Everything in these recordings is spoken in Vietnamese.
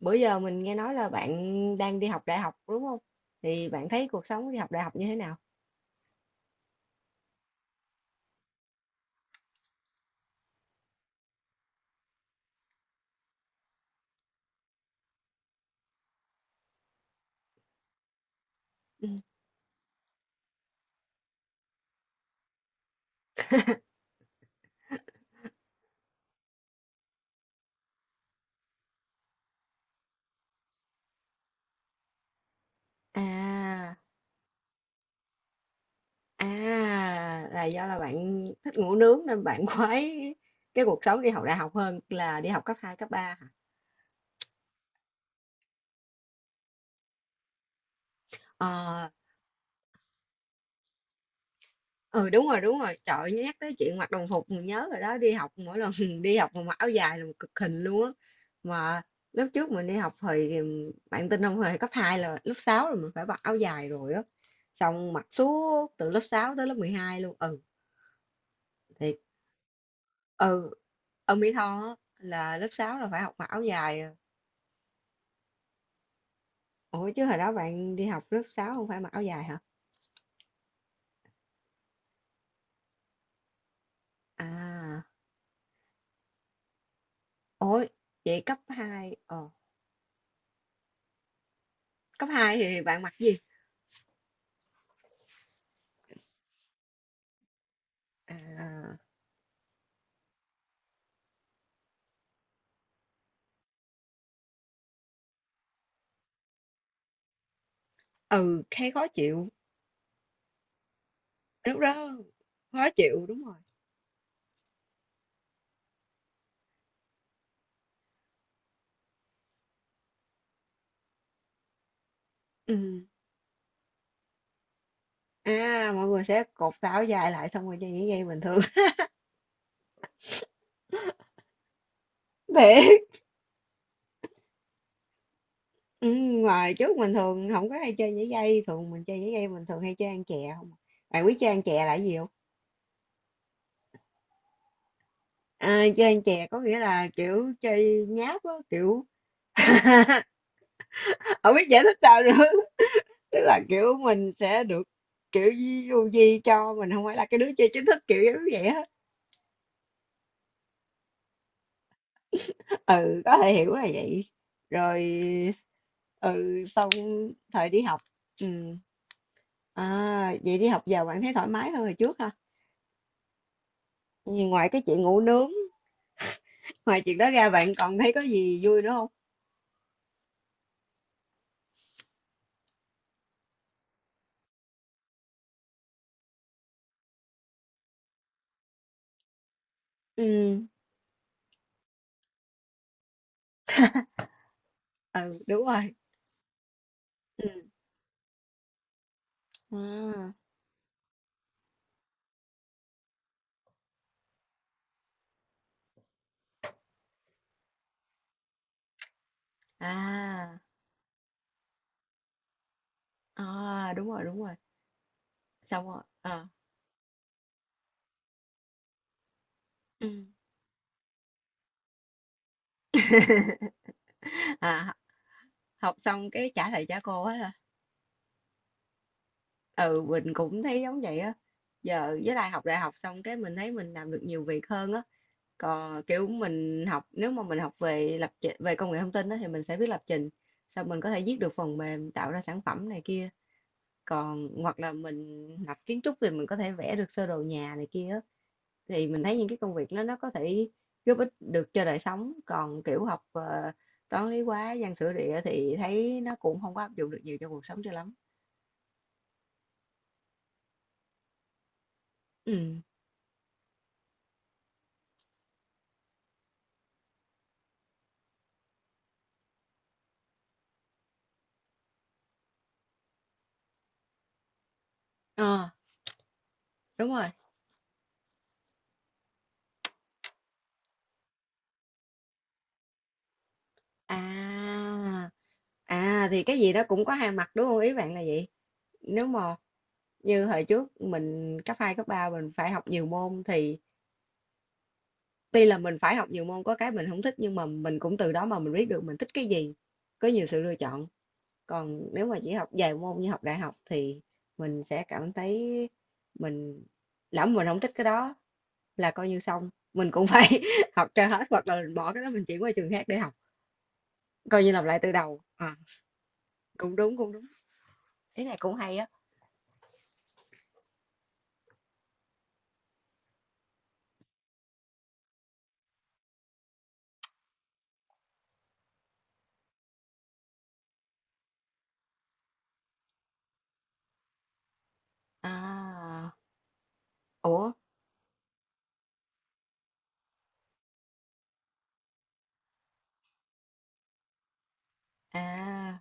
Bữa giờ mình nghe nói là bạn đang đi học đại học đúng không? Thì bạn thấy cuộc sống đi học đại học như thế nào? À, à, là do là bạn thích ngủ nướng nên bạn khoái cái cuộc sống đi học đại học hơn là đi học cấp 2 cấp 3 hả? Ờ. Ừ, đúng rồi, đúng rồi. Trời ơi, nhắc tới chuyện mặc đồng phục mình nhớ rồi đó, đi học mỗi lần đi học mà mặc áo dài là một cực hình luôn á. Mà lúc trước mình đi học thì bạn tin không, hồi cấp 2 là lớp 6 là mình phải mặc áo dài rồi á. Xong mặc suốt từ lớp 6 tới lớp 12 luôn. Ừ, thiệt. Ừ, ở Mỹ Tho á, là lớp 6 là phải học mặc áo dài. À. Ủa chứ hồi đó bạn đi học lớp sáu không phải mặc áo dài hả? À, ôi, vậy cấp 2 thì bạn mặc gì? À, ừ, thấy khó chịu. Lúc đó khó chịu, đúng rồi. Ừ. À, mọi người sẽ cột tà áo dài lại xong rồi chơi nhảy dây bình thường. Để ừ, ngoài trước mình thường không có hay chơi nhảy dây, thường mình chơi nhảy dây mình thường hay chơi ăn chè không. À? Bạn biết chơi ăn chè là cái gì không? À, chơi ăn chè có nghĩa là kiểu chơi nháp á, kiểu không biết giải thích sao nữa. Tức là kiểu mình sẽ được kiểu du di cho mình không phải là cái đứa chơi chính thức kiểu giống vậy hết. Ừ, có thể hiểu là vậy. Rồi, ừ, sau thời đi học, ừ, à, vậy đi học giờ bạn thấy thoải mái hơn hồi trước ha? Vì ngoài cái chuyện ngủ nướng, ngoài chuyện đó ra, bạn còn thấy có gì vui nữa không? Ừ. Ừ, đúng rồi. Ừ. à à, à, đúng rồi, đúng rồi, xong rồi. Ờ. Ừ. À, học xong cái trả thầy trả cô á hả? Ừ, mình cũng thấy giống vậy á. Giờ với lại học đại học xong cái mình thấy mình làm được nhiều việc hơn á, còn kiểu mình học nếu mà mình học về lập trình về công nghệ thông tin đó, thì mình sẽ biết lập trình, xong mình có thể viết được phần mềm tạo ra sản phẩm này kia, còn hoặc là mình học kiến trúc thì mình có thể vẽ được sơ đồ nhà này kia á. Thì mình thấy những cái công việc đó nó có thể giúp ích được cho đời sống, còn kiểu học toán lý hóa văn sử địa thì thấy nó cũng không có áp dụng được nhiều cho cuộc sống cho lắm. Ừ. Ờ, đúng rồi. À à thì cái gì đó cũng có hai mặt, đúng không, ý bạn là vậy. Nếu mà như hồi trước mình cấp 2 cấp 3 mình phải học nhiều môn thì tuy là mình phải học nhiều môn có cái mình không thích, nhưng mà mình cũng từ đó mà mình biết được mình thích cái gì, có nhiều sự lựa chọn. Còn nếu mà chỉ học vài môn như học đại học thì mình sẽ cảm thấy mình lỡ mà mình không thích cái đó là coi như xong, mình cũng phải học cho hết, hoặc là mình bỏ cái đó mình chuyển qua trường khác để học, coi như làm lại từ đầu. À, cũng đúng cũng đúng, ý này cũng hay á. À, ủa, à.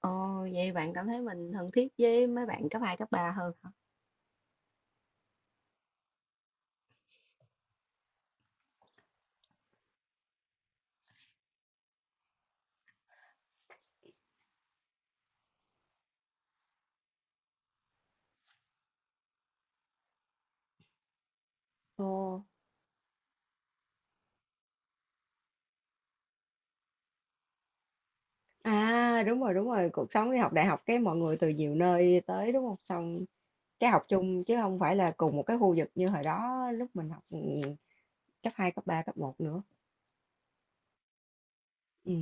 Ồ, vậy bạn cảm thấy mình thân thiết với mấy bạn cấp 2 cấp 3 hơn hả? Ồ, à, đúng rồi, đúng rồi, cuộc sống đi học đại học cái mọi người từ nhiều nơi tới đúng không, xong cái học chung chứ không phải là cùng một cái khu vực như hồi đó lúc mình học. Ừ, cấp 2 cấp 3 cấp một nữa. Ừ.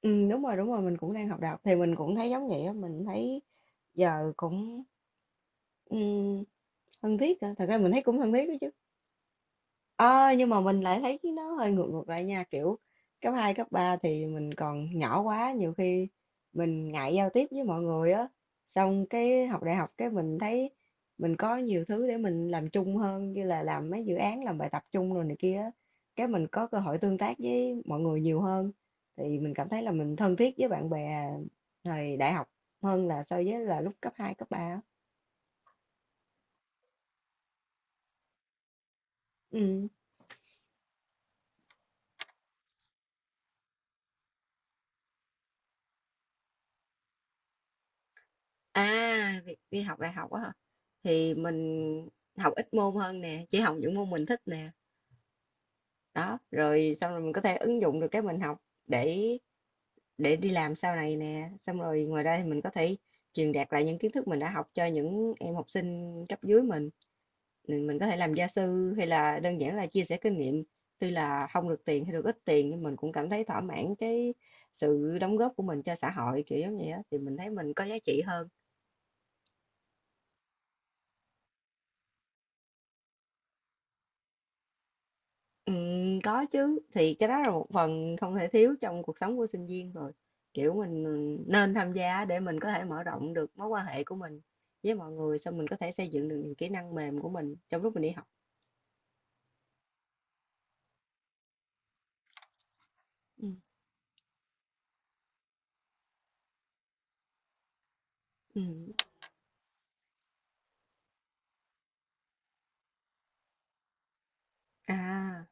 Ừ, đúng rồi, đúng rồi, mình cũng đang học đại học thì mình cũng thấy giống vậy á. Mình thấy giờ cũng, ừ, thân thiết á. Thật ra mình thấy cũng thân thiết đó chứ. Ờ, nhưng mà mình lại thấy nó hơi ngược ngược lại nha, kiểu cấp 2 cấp 3 thì mình còn nhỏ quá, nhiều khi mình ngại giao tiếp với mọi người á, xong cái học đại học cái mình thấy mình có nhiều thứ để mình làm chung hơn như là làm mấy dự án làm bài tập chung rồi này kia á, cái mình có cơ hội tương tác với mọi người nhiều hơn, thì mình cảm thấy là mình thân thiết với bạn bè thời đại học hơn là so với là lúc cấp 2 cấp ba á. Ừ. À, việc đi học đại học á hả? Thì mình học ít môn hơn nè, chỉ học những môn mình thích nè. Đó, rồi xong rồi mình có thể ứng dụng được cái mình học để để đi làm sau này nè. Xong rồi ngoài ra thì mình có thể truyền đạt lại những kiến thức mình đã học cho những em học sinh cấp dưới mình. Mình có thể làm gia sư hay là đơn giản là chia sẻ kinh nghiệm. Tuy là không được tiền hay được ít tiền nhưng mình cũng cảm thấy thỏa mãn cái sự đóng góp của mình cho xã hội kiểu giống vậy á, thì mình thấy mình có giá trị hơn. Có chứ, thì cái đó là một phần không thể thiếu trong cuộc sống của sinh viên rồi, kiểu mình, ừ, nên tham gia để mình có thể mở rộng được mối quan hệ của mình với mọi người, xong mình có thể xây dựng được những kỹ năng mềm của mình trong lúc mình đi học. Ừ. Ừ. À.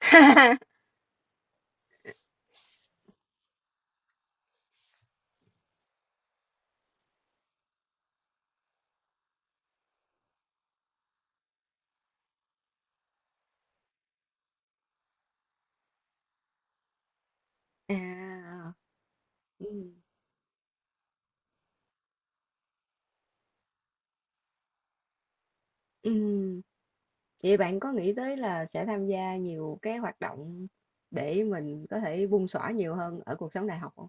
À, ừ. Ừ. Vậy bạn có nghĩ tới là sẽ tham gia nhiều cái hoạt động để mình có thể bung xõa nhiều hơn ở cuộc sống đại học không?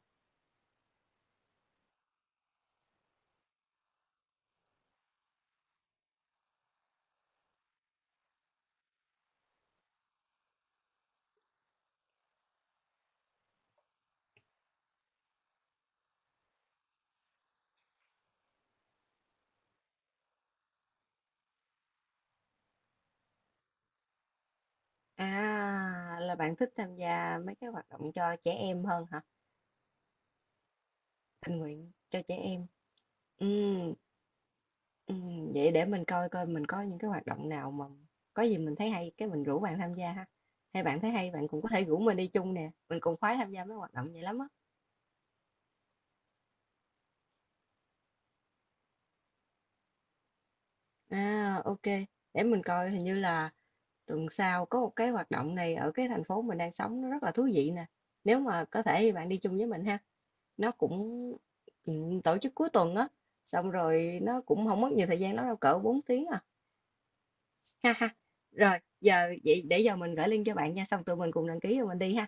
À là bạn thích tham gia mấy cái hoạt động cho trẻ em hơn hả, tình nguyện cho trẻ em. Ừm, vậy để mình coi coi mình có những cái hoạt động nào mà có gì mình thấy hay cái mình rủ bạn tham gia ha, hay bạn thấy hay bạn cũng có thể rủ mình đi chung nè, mình cùng khoái tham gia mấy hoạt động vậy lắm á. À, ok, để mình coi hình như là tuần sau có một cái hoạt động này ở cái thành phố mình đang sống, nó rất là thú vị nè, nếu mà có thể thì bạn đi chung với mình ha. Nó cũng, tổ chức cuối tuần á, xong rồi nó cũng không mất nhiều thời gian lắm đâu, cỡ 4 tiếng à. Ha ha. Rồi, giờ vậy để giờ mình gửi link cho bạn nha, xong tụi mình cùng đăng ký rồi mình đi ha.